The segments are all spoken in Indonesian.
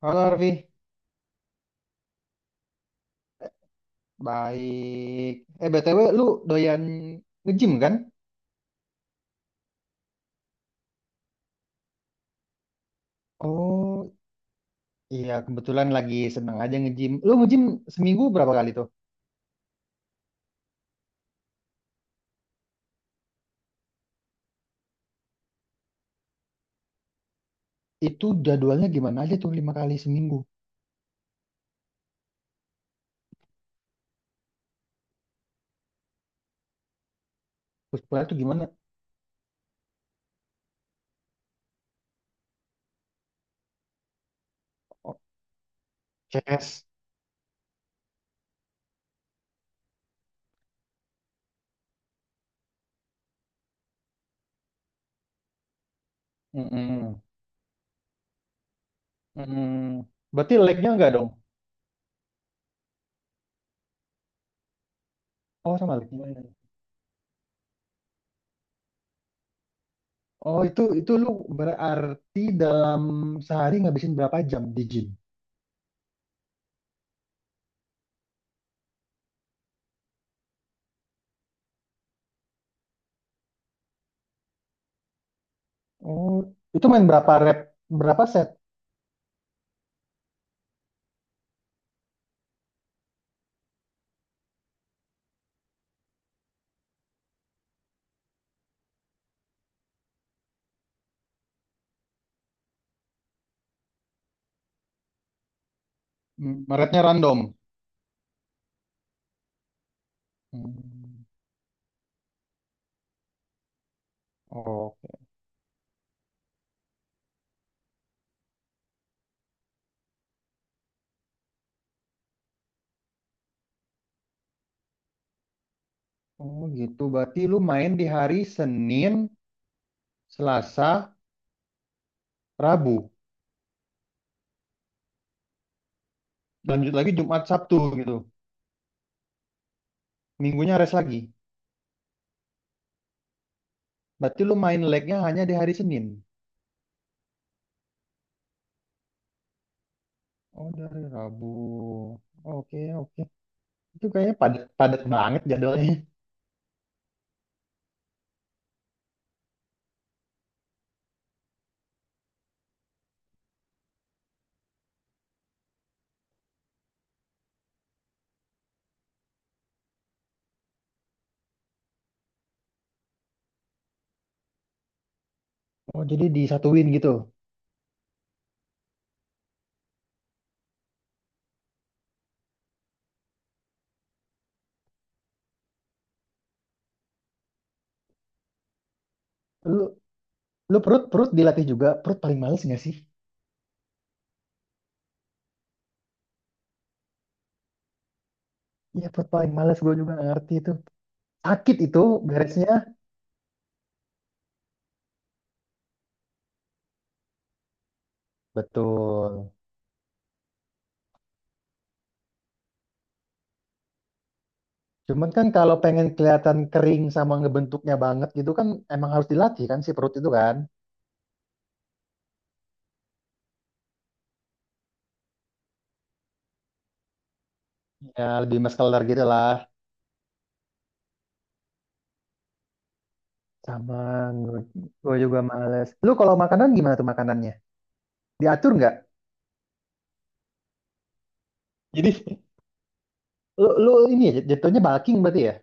Halo Arfi, baik. Eh BTW lu doyan nge-gym kan? Oh iya kebetulan lagi seneng aja nge-gym. Lu nge-gym seminggu berapa kali tuh? Itu jadwalnya gimana aja tuh lima kali seminggu? Terus pulang tuh gimana? Oh, chest. Mm-mm. Mm-mm. Berarti legnya enggak dong? Oh sama legnya. Oh itu lu berarti dalam sehari ngabisin berapa jam di gym? Oh itu main berapa rep? Berapa set? Hmm, repnya random. Hmm. Oh gitu, berarti lu main di hari Senin, Selasa, Rabu. Lanjut lagi Jumat, Sabtu gitu. Minggunya rest lagi. Berarti lu main legnya hanya di hari Senin. Oh dari Rabu. Oke oke. Itu kayaknya padat padat banget jadwalnya. Oh jadi disatuin gitu. Lu lu perut perut dilatih juga. Perut paling males nggak sih? Iya perut paling males gue juga nggak ngerti itu. Sakit itu beresnya. Betul. Cuman kan kalau pengen kelihatan kering sama ngebentuknya banget gitu kan, emang harus dilatih kan si perut itu kan. Ya lebih muscular gitu lah. Sama gue juga males. Lu kalau makanan gimana tuh makanannya? Diatur nggak? Jadi lu ini ya jatuhnya bulking berarti ya?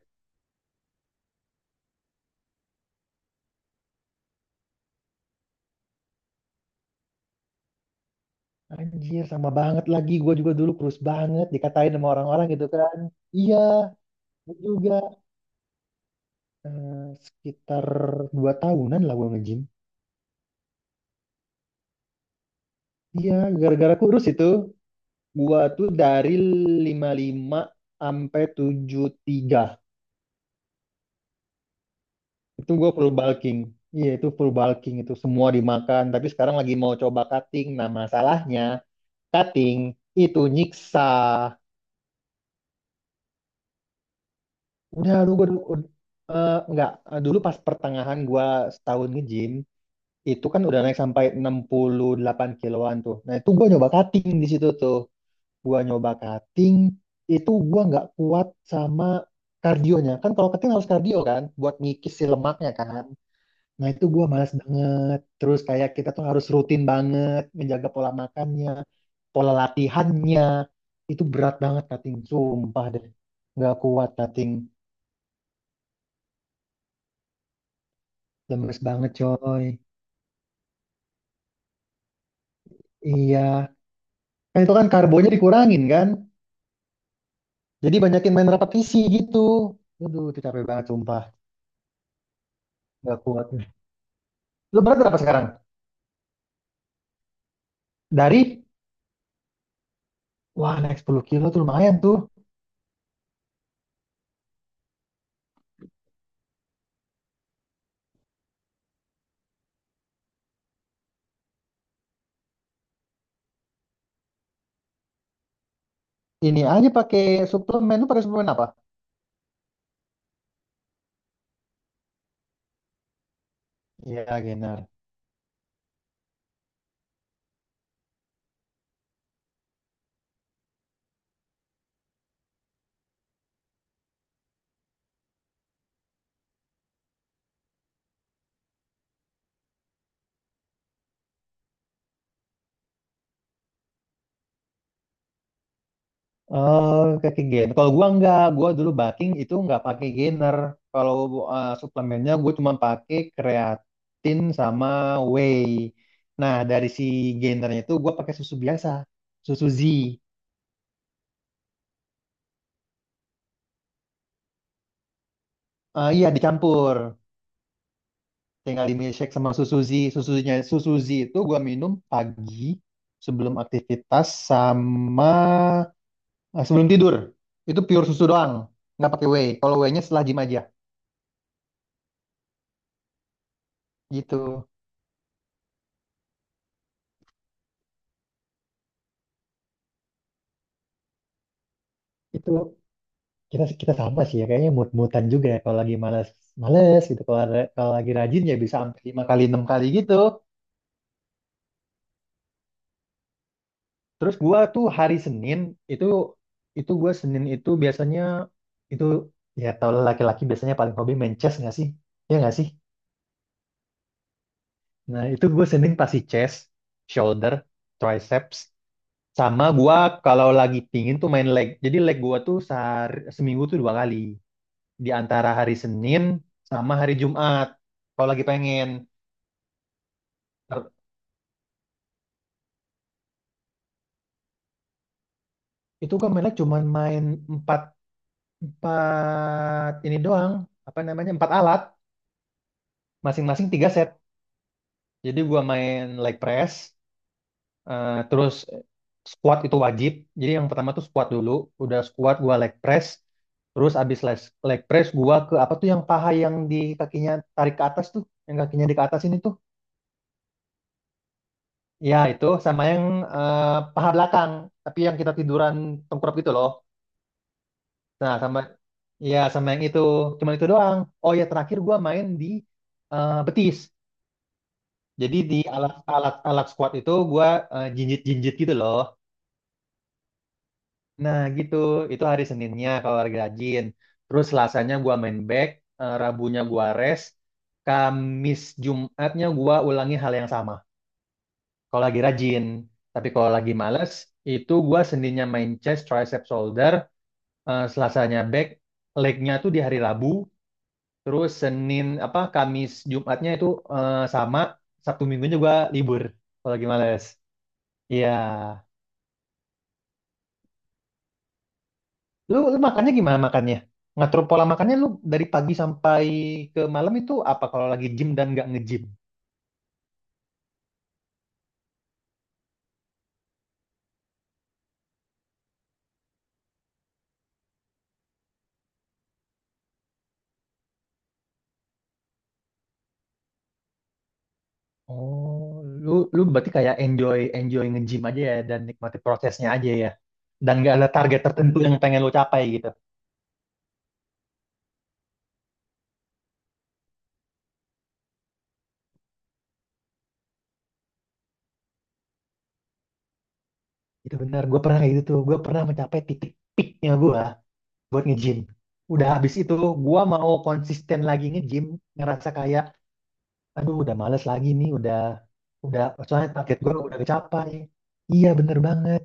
Anjir sama banget lagi gue juga dulu kurus banget dikatain sama orang-orang gitu kan. Iya, gue juga eh, sekitar 2 tahunan lah gue nge-gym. Iya, gara-gara kurus itu. Gua tuh dari 55 sampai 73. Itu gua full bulking. Iya, itu full bulking itu semua dimakan. Tapi sekarang lagi mau coba cutting. Nah, masalahnya cutting itu nyiksa. Udah, lu gua ud- enggak. Dulu pas pertengahan gua setahun nge-gym itu kan udah naik sampai 68 kiloan tuh. Nah, itu gua nyoba cutting di situ tuh. Gua nyoba cutting, itu gua nggak kuat sama kardionya kan. Kalau cutting harus kardio kan, buat ngikis si lemaknya kan. Nah itu gua malas banget, terus kayak kita tuh harus rutin banget menjaga pola makannya, pola latihannya. Itu berat banget cutting sumpah deh, nggak kuat cutting. Lemes banget coy. Iya, kan itu kan karbonya dikurangin kan, jadi banyakin main repetisi gitu. Aduh, itu capek banget, sumpah. Nggak kuat. Lo berat berapa sekarang? Dari? Wah, naik 10 kilo tuh lumayan tuh. Ini aja pakai suplemen. Lu pakai suplemen apa? Iya, gainer. Oh, pakai gainer. Kalau gua enggak, gua dulu bulking itu enggak pakai gainer. Kalau suplemennya gua cuma pakai kreatin sama whey. Nah, dari si gainernya itu gua pakai susu biasa, susu Z. Eh, iya, dicampur. Tinggal di milkshake sama susu Z. Susunya susu Z itu gua minum pagi sebelum aktivitas sama. Nah, sebelum tidur itu pure susu doang, nggak pakai whey. Kalau whey-nya setelah gym aja gitu. Itu kita kita sama sih ya, kayaknya mood-moodan juga ya, kalau lagi malas males gitu. Kalau lagi rajin ya bisa sampai lima kali enam kali gitu. Terus gua tuh hari Senin, itu itu gua Senin itu biasanya itu, ya tau lah laki-laki biasanya paling hobi main chest nggak sih? Ya nggak sih? Nah itu gua Senin pasti chest, shoulder, triceps. Sama gua kalau lagi pingin tuh main leg. Jadi leg gua tuh sehari, seminggu tuh dua kali. Di antara hari Senin sama hari Jumat. Kalau lagi pengen. Ter- Itu gua main leg cuman main empat, empat ini doang. Apa namanya? Empat alat. Masing-masing tiga set. Jadi gua main leg press. Terus squat itu wajib. Jadi yang pertama tuh squat dulu. Udah squat gua leg press. Terus abis leg press gua ke apa tuh yang paha yang di kakinya tarik ke atas tuh, yang kakinya di ke atas ini tuh. Ya itu sama yang eh, paha belakang, tapi yang kita tiduran tengkurap gitu loh. Nah, sama ya sama yang itu. Cuman itu doang. Oh ya terakhir gua main di betis. Jadi di alat alat alat squat itu gua jinjit-jinjit gitu loh. Nah gitu, itu hari Seninnya kalau lagi rajin. Terus Selasanya gua main back, Rabunya gua rest, Kamis Jumatnya gua ulangi hal yang sama. Kalau lagi rajin, tapi kalau lagi males, itu gua Seninnya main chest, tricep, shoulder, Selasanya back, legnya tuh di hari Rabu, terus Senin apa Kamis Jumatnya itu sama, Sabtu Minggunya gua libur kalau lagi males. Iya. Lu makannya gimana makannya? Ngatur pola makannya lu dari pagi sampai ke malam itu apa kalau lagi gym dan nggak nge-gym? Oh, lu lu berarti kayak enjoy enjoy nge-gym aja ya dan nikmati prosesnya aja ya. Dan nggak ada target tertentu yang pengen lu capai gitu. Itu benar, gue pernah kayak gitu tuh. Gue pernah mencapai titik peaknya gue buat nge-gym. Udah habis itu, gue mau konsisten lagi nge-gym, ngerasa kayak, aduh udah males lagi nih, udah, soalnya target gue udah kecapai. Iya bener banget.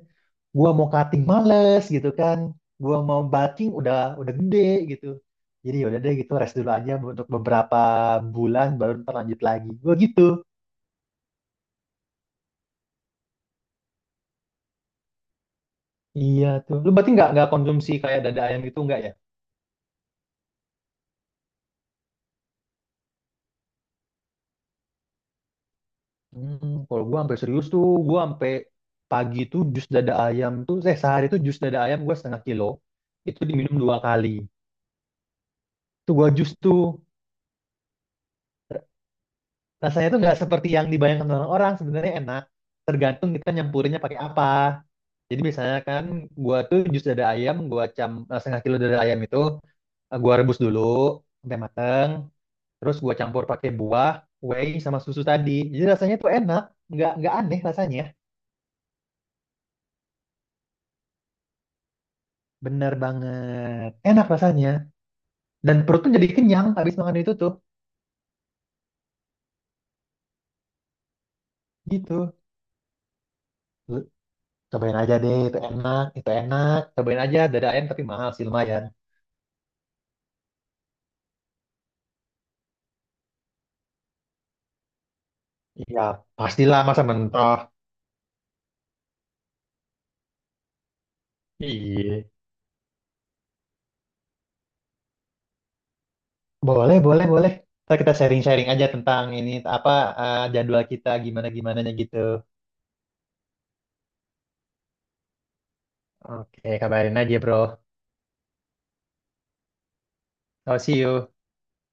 Gua mau cutting males gitu kan, gua mau bulking udah gede gitu. Jadi yaudah deh gitu rest dulu aja untuk beberapa bulan baru ntar lanjut lagi gua gitu. Iya tuh, lu berarti nggak konsumsi kayak dada ayam gitu nggak ya. Hmm, kalau gua sampai serius tuh, gua sampai pagi tuh jus dada ayam tuh, sehari tuh jus dada ayam gua setengah kilo. Itu diminum dua kali. Tuh gua jus tuh, r- rasanya tuh nggak seperti yang dibayangkan orang-orang, sebenarnya enak. Tergantung kita nyampurinnya pakai apa. Jadi misalnya kan, gua tuh jus dada ayam, gua setengah kilo dada ayam itu gua rebus dulu sampai mateng, terus gua campur pakai buah, whey sama susu tadi. Jadi rasanya tuh enak, nggak aneh rasanya. Bener banget, enak rasanya. Dan perut tuh jadi kenyang habis makan itu tuh, gitu. Lu cobain aja deh, itu enak, itu enak. Cobain aja dada ayam tapi mahal sih lumayan. Iya, pastilah masa mentah. Iya. Boleh, boleh, boleh. Ntar kita sharing-sharing aja tentang ini apa jadwal kita gimana-gimananya gitu. Oke, kabarin aja, bro. Oh, see you.